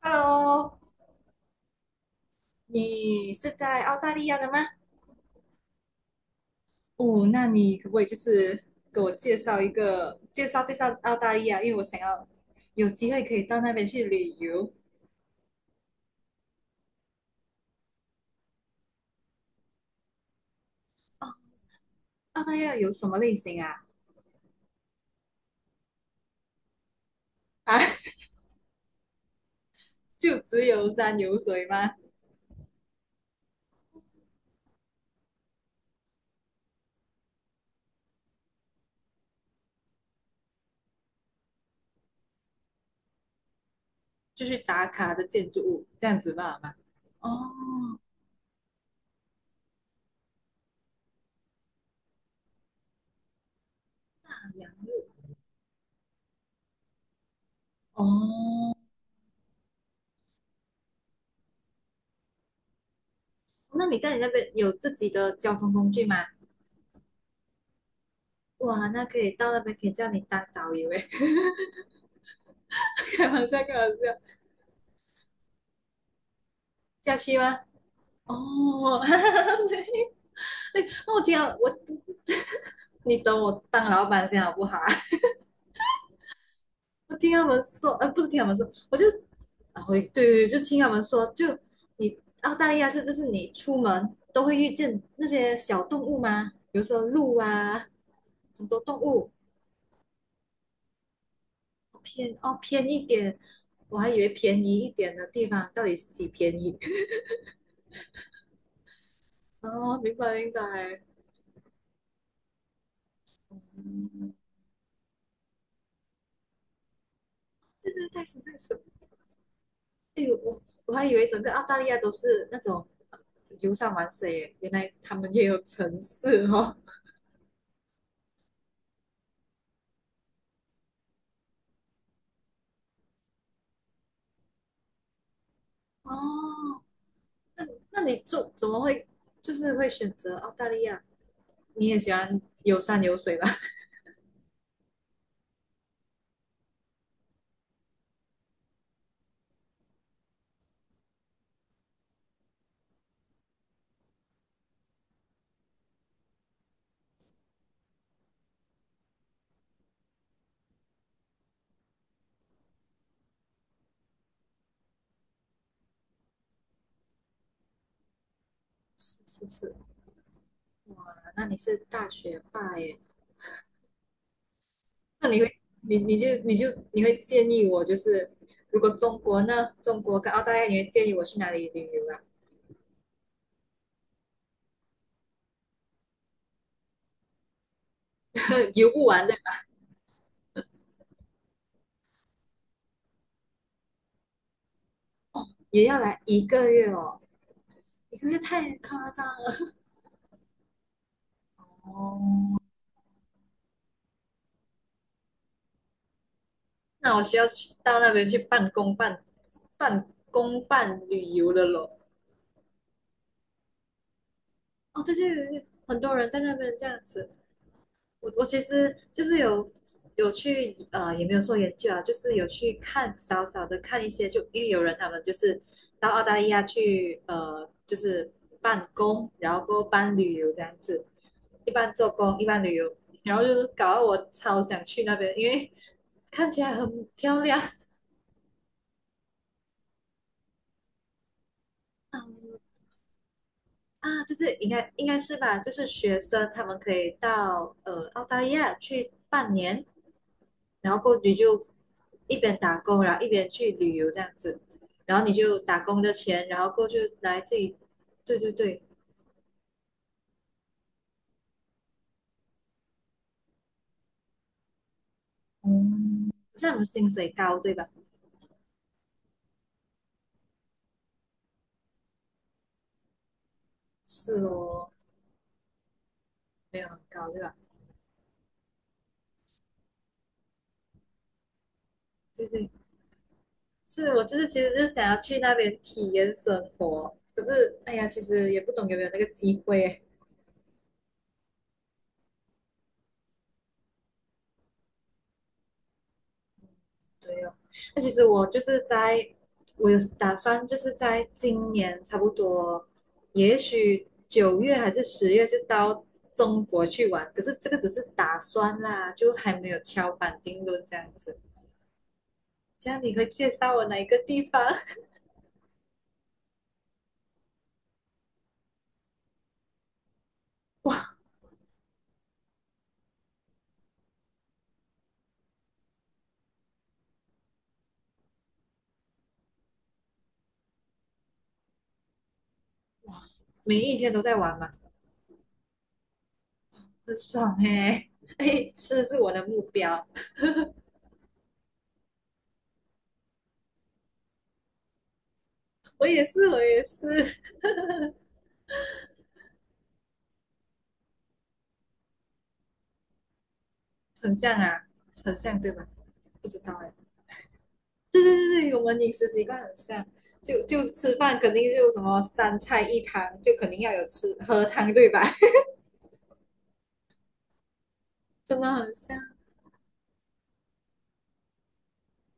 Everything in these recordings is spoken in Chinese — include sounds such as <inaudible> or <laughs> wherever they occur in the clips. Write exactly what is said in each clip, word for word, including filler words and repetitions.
Hello，你是在澳大利亚的吗？哦，那你可不可以就是给我介绍一个，介绍介绍澳大利亚，因为我想要有机会可以到那边去旅游。哦，澳大利亚有什么类型啊？啊，<laughs> 就只有山有水吗？就是打卡的建筑物这样子吧吗？哦，洋路哦，那你在你那边有自己的交通工具吗？哇，那可以到那边可以叫你当导游诶，<laughs> 开玩笑，开玩笑，假期吗？哦，<laughs> 哈哈哈没我听到我，<laughs> 你等我当老板先好不好？ <laughs> 我听他们说，呃，不是听他们说，我就啊，我对对对，就听他们说，就你澳大利亚是就是你出门都会遇见那些小动物吗？比如说鹿啊，很多动物，哦偏哦偏一点，我还以为便宜一点的地方到底是几便宜？<laughs> 哦，明白明白，这是太实在是，哎呦我我还以为整个澳大利亚都是那种游山玩水原来他们也有城市哦。哦，那那你就怎么会就是会选择澳大利亚？你也喜欢游山游水吧？是不是？哇，那你是大学霸耶？那你会你你就你就你会建议我就是如果中国呢，中国跟澳大利亚，你会建议我去哪里旅游啊？<laughs> 游不完的，也要来一个月哦，一个月太夸张了。哦。那我需要去到那边去办公办办公办旅游了咯。哦，这些很多人在那边这样子。我我其实就是有有去呃，也没有说研究啊，就是有去看少少的看一些，就因为有人他们就是到澳大利亚去呃，就是办公，然后过后办旅游这样子，一般做工，一般旅游，然后就是搞得我超想去那边，因为看起来很漂亮。嗯，啊，就是应该应该是吧，就是学生他们可以到呃澳大利亚去半年，然后过你就一边打工，然后一边去旅游这样子，然后你就打工的钱，然后过去来自己，对对对，嗯，可是他们薪水高对吧？是哦，没有很高对吧？对对，是我就是其实就是想要去那边体验生活，可是哎呀，其实也不懂有没有那个机会。对哦，那其实我就是在，我有打算就是在今年差不多，也许九月还是十月就到中国去玩，可是这个只是打算啦，就还没有敲板定论这样子。这样你会介绍我哪一个地方？<laughs> 每一天都在玩嘛，很爽嘿、哎，吃是我的目标，我也是，我也是，很像啊，很像对吧？不知道哎、对对对对，我们饮食习惯很像，就就吃饭肯定就什么三菜一汤，就肯定要有吃喝汤，对吧？<laughs> 真的很像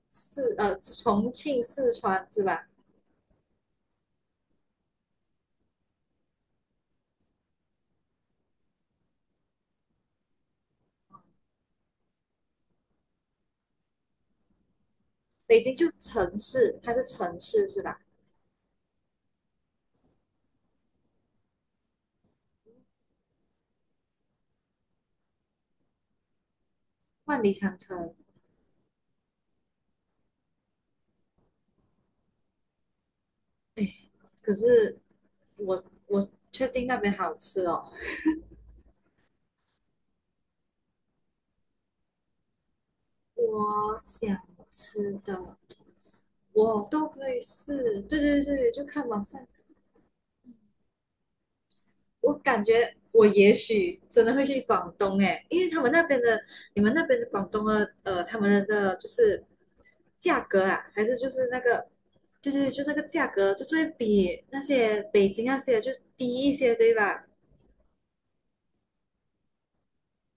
四呃重庆、四川是吧？北京就城市，它是城市是吧？万里长城，哎，可是我我确定那边好吃哦，我想吃的我都可以试，对对对，就看网上我感觉我也许真的会去广东诶，因为他们那边的，你们那边的广东的，呃，他们的就是价格啊，还是就是那个，就是就那个价格，就是会比那些北京那些就低一些，对吧？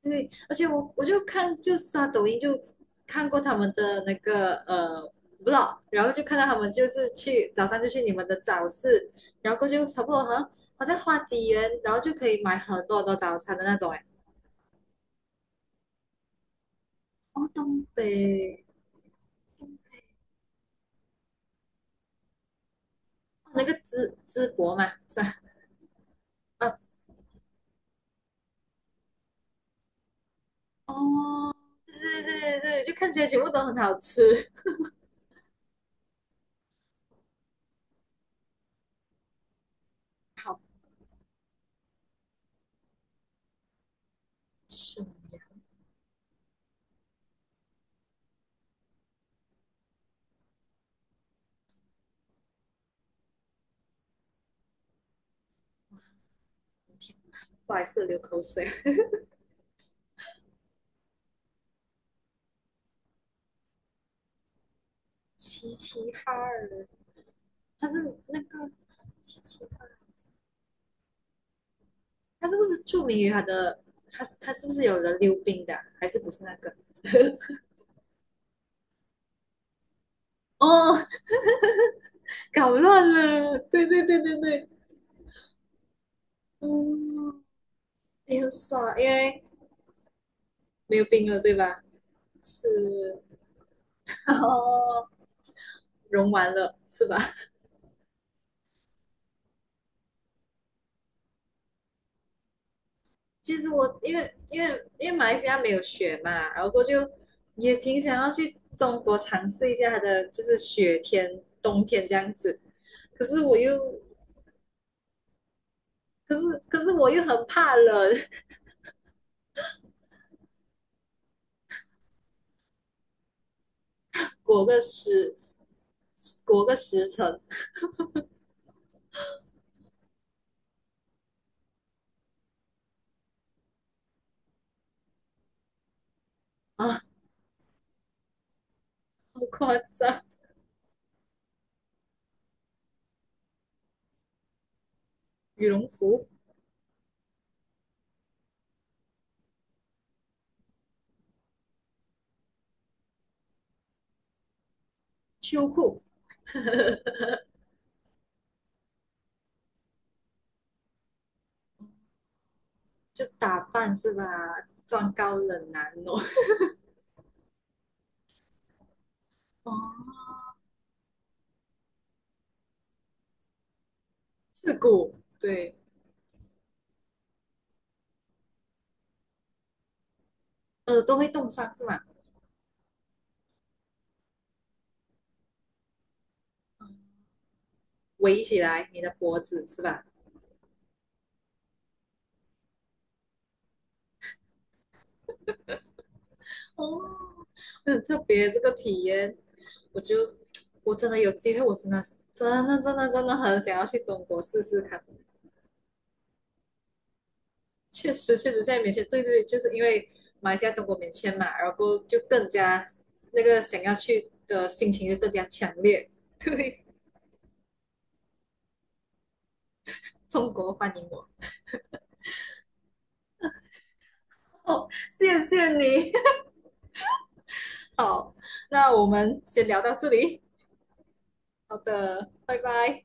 对，而且我我就看就刷抖音就看过他们的那个呃 vlog，然后就看到他们就是去早上就去你们的早市，然后过去差不多好像好像花几元，然后就可以买很多很多早餐的那种欸。哦，东北，哦那个淄淄博嘛，是吧？<laughs> 啊，哦，对对对对，就看起来全部都很好吃，好吃，不好意思，流口水。<laughs> 齐齐哈尔，它是那个齐齐哈尔，它是不是著名于它的？它它是不是有人溜冰的啊还是不是那个？<laughs> 哦，搞乱了，对对对对对，嗯，也很爽，因为没有冰了，对吧？是，<laughs> 哦，融完了，是吧？其实我因为因为因为马来西亚没有雪嘛，然后过就也挺想要去中国尝试一下它的就是雪天冬天这样子，可是我又可是可是我又很怕冷，裹个十裹个十层啊，好夸张！羽绒服、秋裤就打扮是吧？装高冷男哦，<laughs> 哦，刺骨，对，耳朵会冻伤是吧？<laughs> 围起来你的脖子是吧？哦，很特别这个体验，我就我真的有机会，我真的真的真的真的很想要去中国试试看。确实确实，现在免签，对对，就是因为马来西亚中国免签嘛，然后就更加那个想要去的心情就更加强烈。<laughs> 对，中国欢迎我。哦，谢谢你。<laughs> 好，那我们先聊到这里。好的，拜拜。